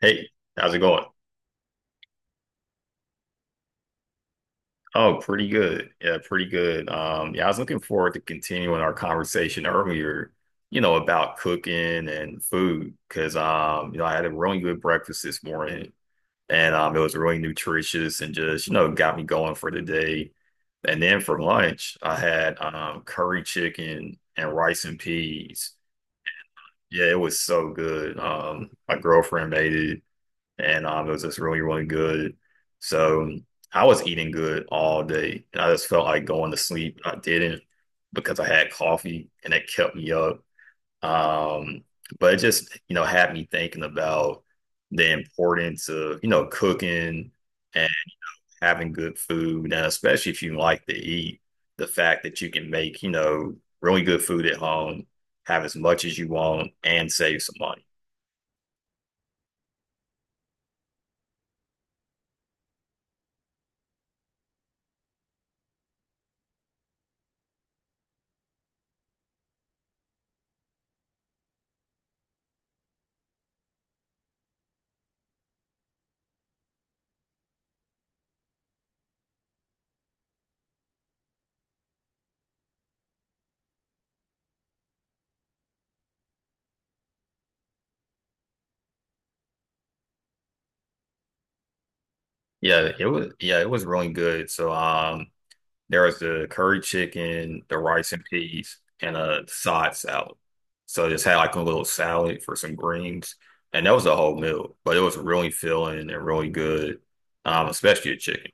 Hey, how's it going? Oh, pretty good. Yeah, pretty good. Yeah, I was looking forward to continuing our conversation earlier, you know, about cooking and food, because you know, I had a really good breakfast this morning, and it was really nutritious and just, you know, got me going for the day. And then for lunch, I had curry chicken and rice and peas. Yeah, it was so good. My girlfriend made it, and it was just really, really good. So I was eating good all day, and I just felt like going to sleep. I didn't because I had coffee, and it kept me up. Um, but it just, you know, had me thinking about the importance of, you know, cooking and having good food, and especially if you like to eat, the fact that you can make, you know, really good food at home, have as much as you want, and save some money. Yeah, it was really good. So there was the curry chicken, the rice and peas, and a side salad. So just had like a little salad for some greens, and that was a whole meal. But it was really filling and really good, especially the chicken.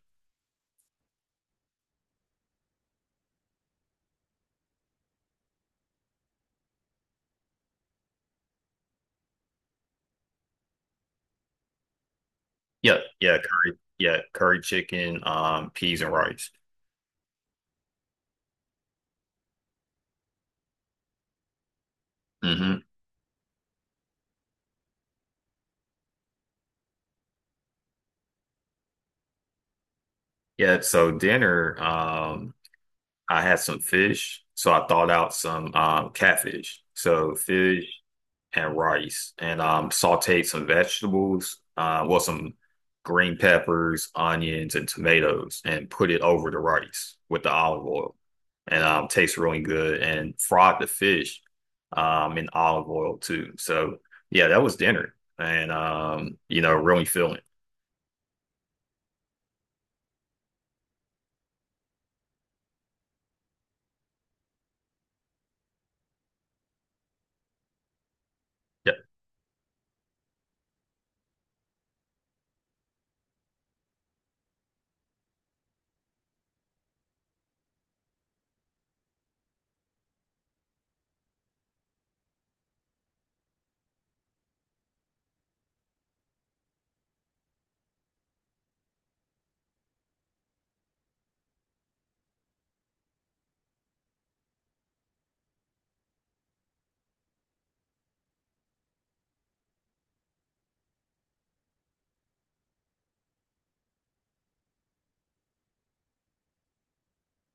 Yeah, yeah, curry chicken, peas and rice. hmm Yeah, so dinner, I had some fish, so I thawed out some catfish. So fish. And rice, and sauteed some vegetables, well, some green peppers, onions, and tomatoes, and put it over the rice with the olive oil, and tastes really good. And fried the fish in olive oil too. So yeah, that was dinner, and you know, really filling. Yep,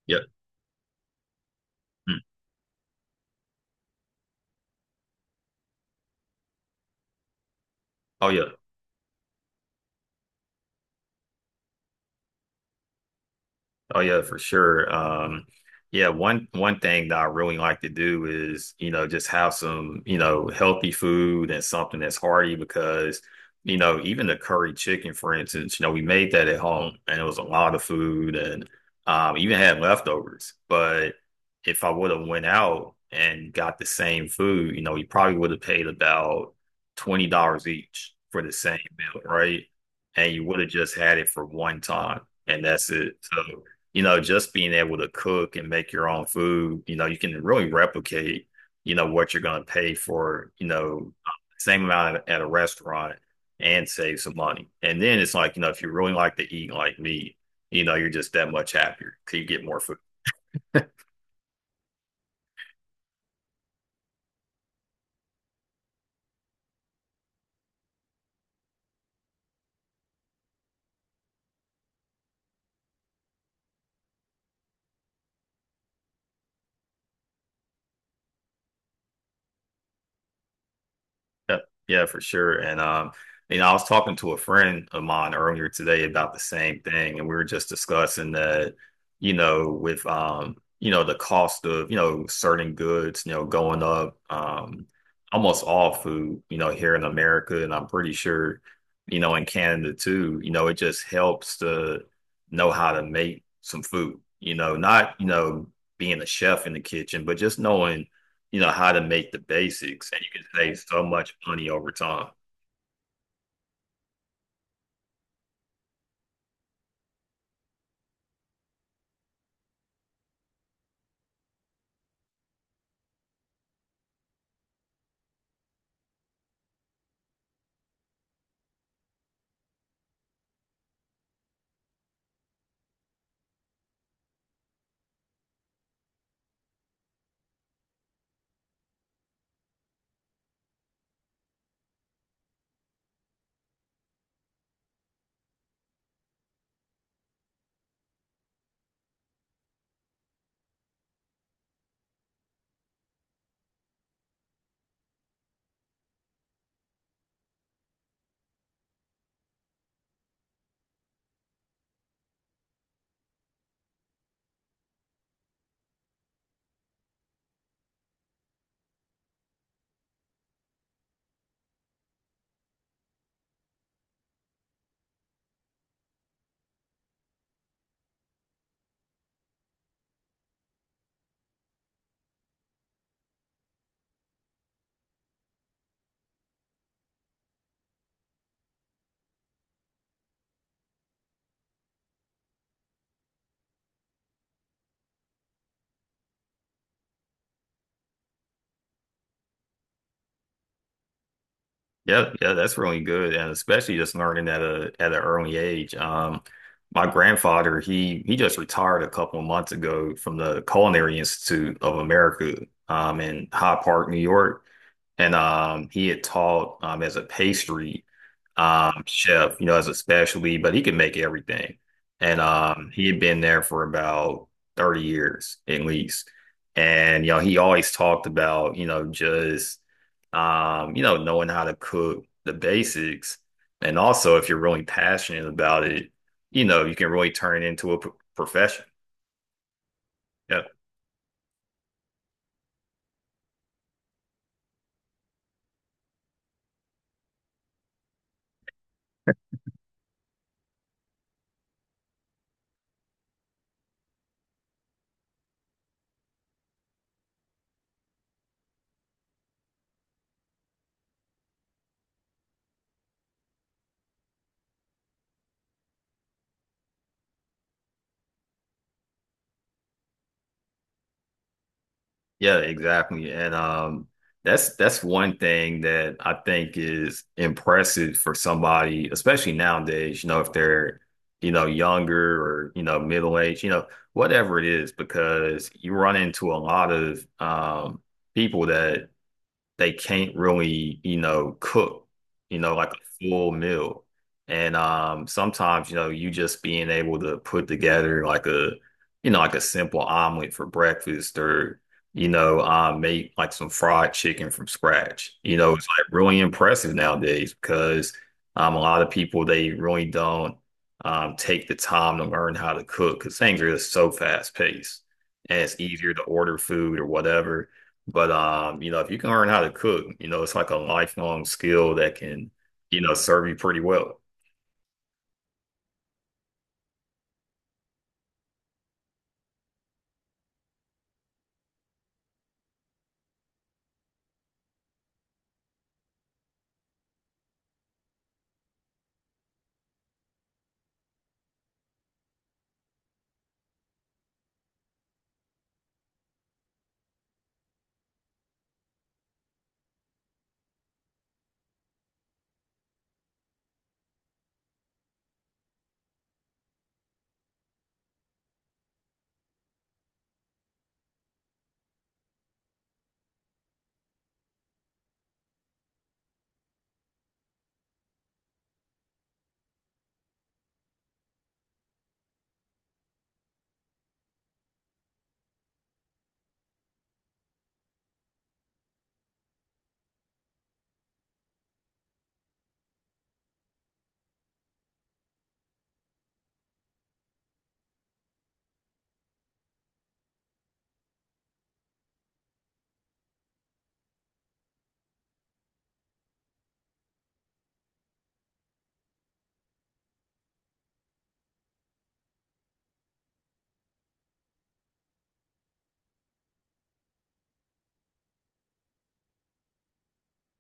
yep. Mm. Oh yeah. Oh yeah, for sure. Yeah, one thing that I really like to do is, you know, just have some, you know, healthy food and something that's hearty because, you know, even the curry chicken, for instance, you know, we made that at home and it was a lot of food and even had leftovers. But if I would have went out and got the same food, you know, we probably would have paid about $20 each for the same meal, right? And you would have just had it for one time and that's it. So you know, just being able to cook and make your own food, you know, you can really replicate, you know, what you're going to pay for, you know, same amount at a restaurant and save some money. And then it's like, you know, if you really like to eat like me, you know, you're just that much happier because you get more food. Yep. Yeah, for sure. And you know, I was talking to a friend of mine earlier today about the same thing, and we were just discussing that, you know, with you know, the cost of, you know, certain goods, you know, going up, almost all food, you know, here in America, and I'm pretty sure, you know, in Canada too, you know, it just helps to know how to make some food, you know, not, you know, being a chef in the kitchen, but just knowing you know how to make the basics and you can save so much money over time. Yeah, yeah, that's really good, and especially just learning at a at an early age. My grandfather, he just retired a couple of months ago from the Culinary Institute of America, in Hyde Park, New York, and he had taught as a pastry chef, you know, as a specialty, but he could make everything, and he had been there for about 30 years at least, and you know, he always talked about you know just you know, knowing how to cook the basics. And also, if you're really passionate about it, you know, you can really turn it into a profession. Yeah. Yeah, exactly. And That's one thing that I think is impressive for somebody, especially nowadays, you know, if they're, you know, younger or, you know, middle age, you know, whatever it is, because you run into a lot of people that they can't really, you know, cook, you know, like a full meal. And sometimes, you know, you just being able to put together like a, you know, like a simple omelet for breakfast or, you know, make like some fried chicken from scratch. You know, it's like really impressive nowadays because a lot of people, they really don't take the time to learn how to cook because things are just so fast paced and it's easier to order food or whatever. But you know, if you can learn how to cook, you know, it's like a lifelong skill that can, you know, serve you pretty well.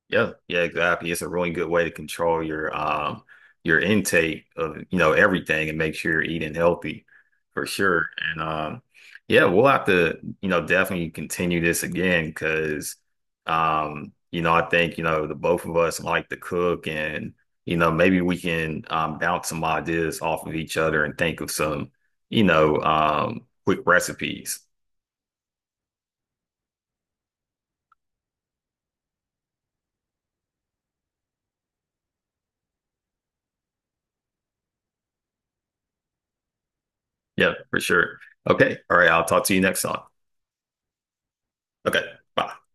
Yeah, yeah, exactly. It's a really good way to control your intake of you know everything and make sure you're eating healthy for sure. And yeah, we'll have to you know definitely continue this again because you know I think you know the both of us like to cook and you know maybe we can bounce some ideas off of each other and think of some you know quick recipes. Yeah, for sure. Okay, all right. I'll talk to you next time. Okay, bye.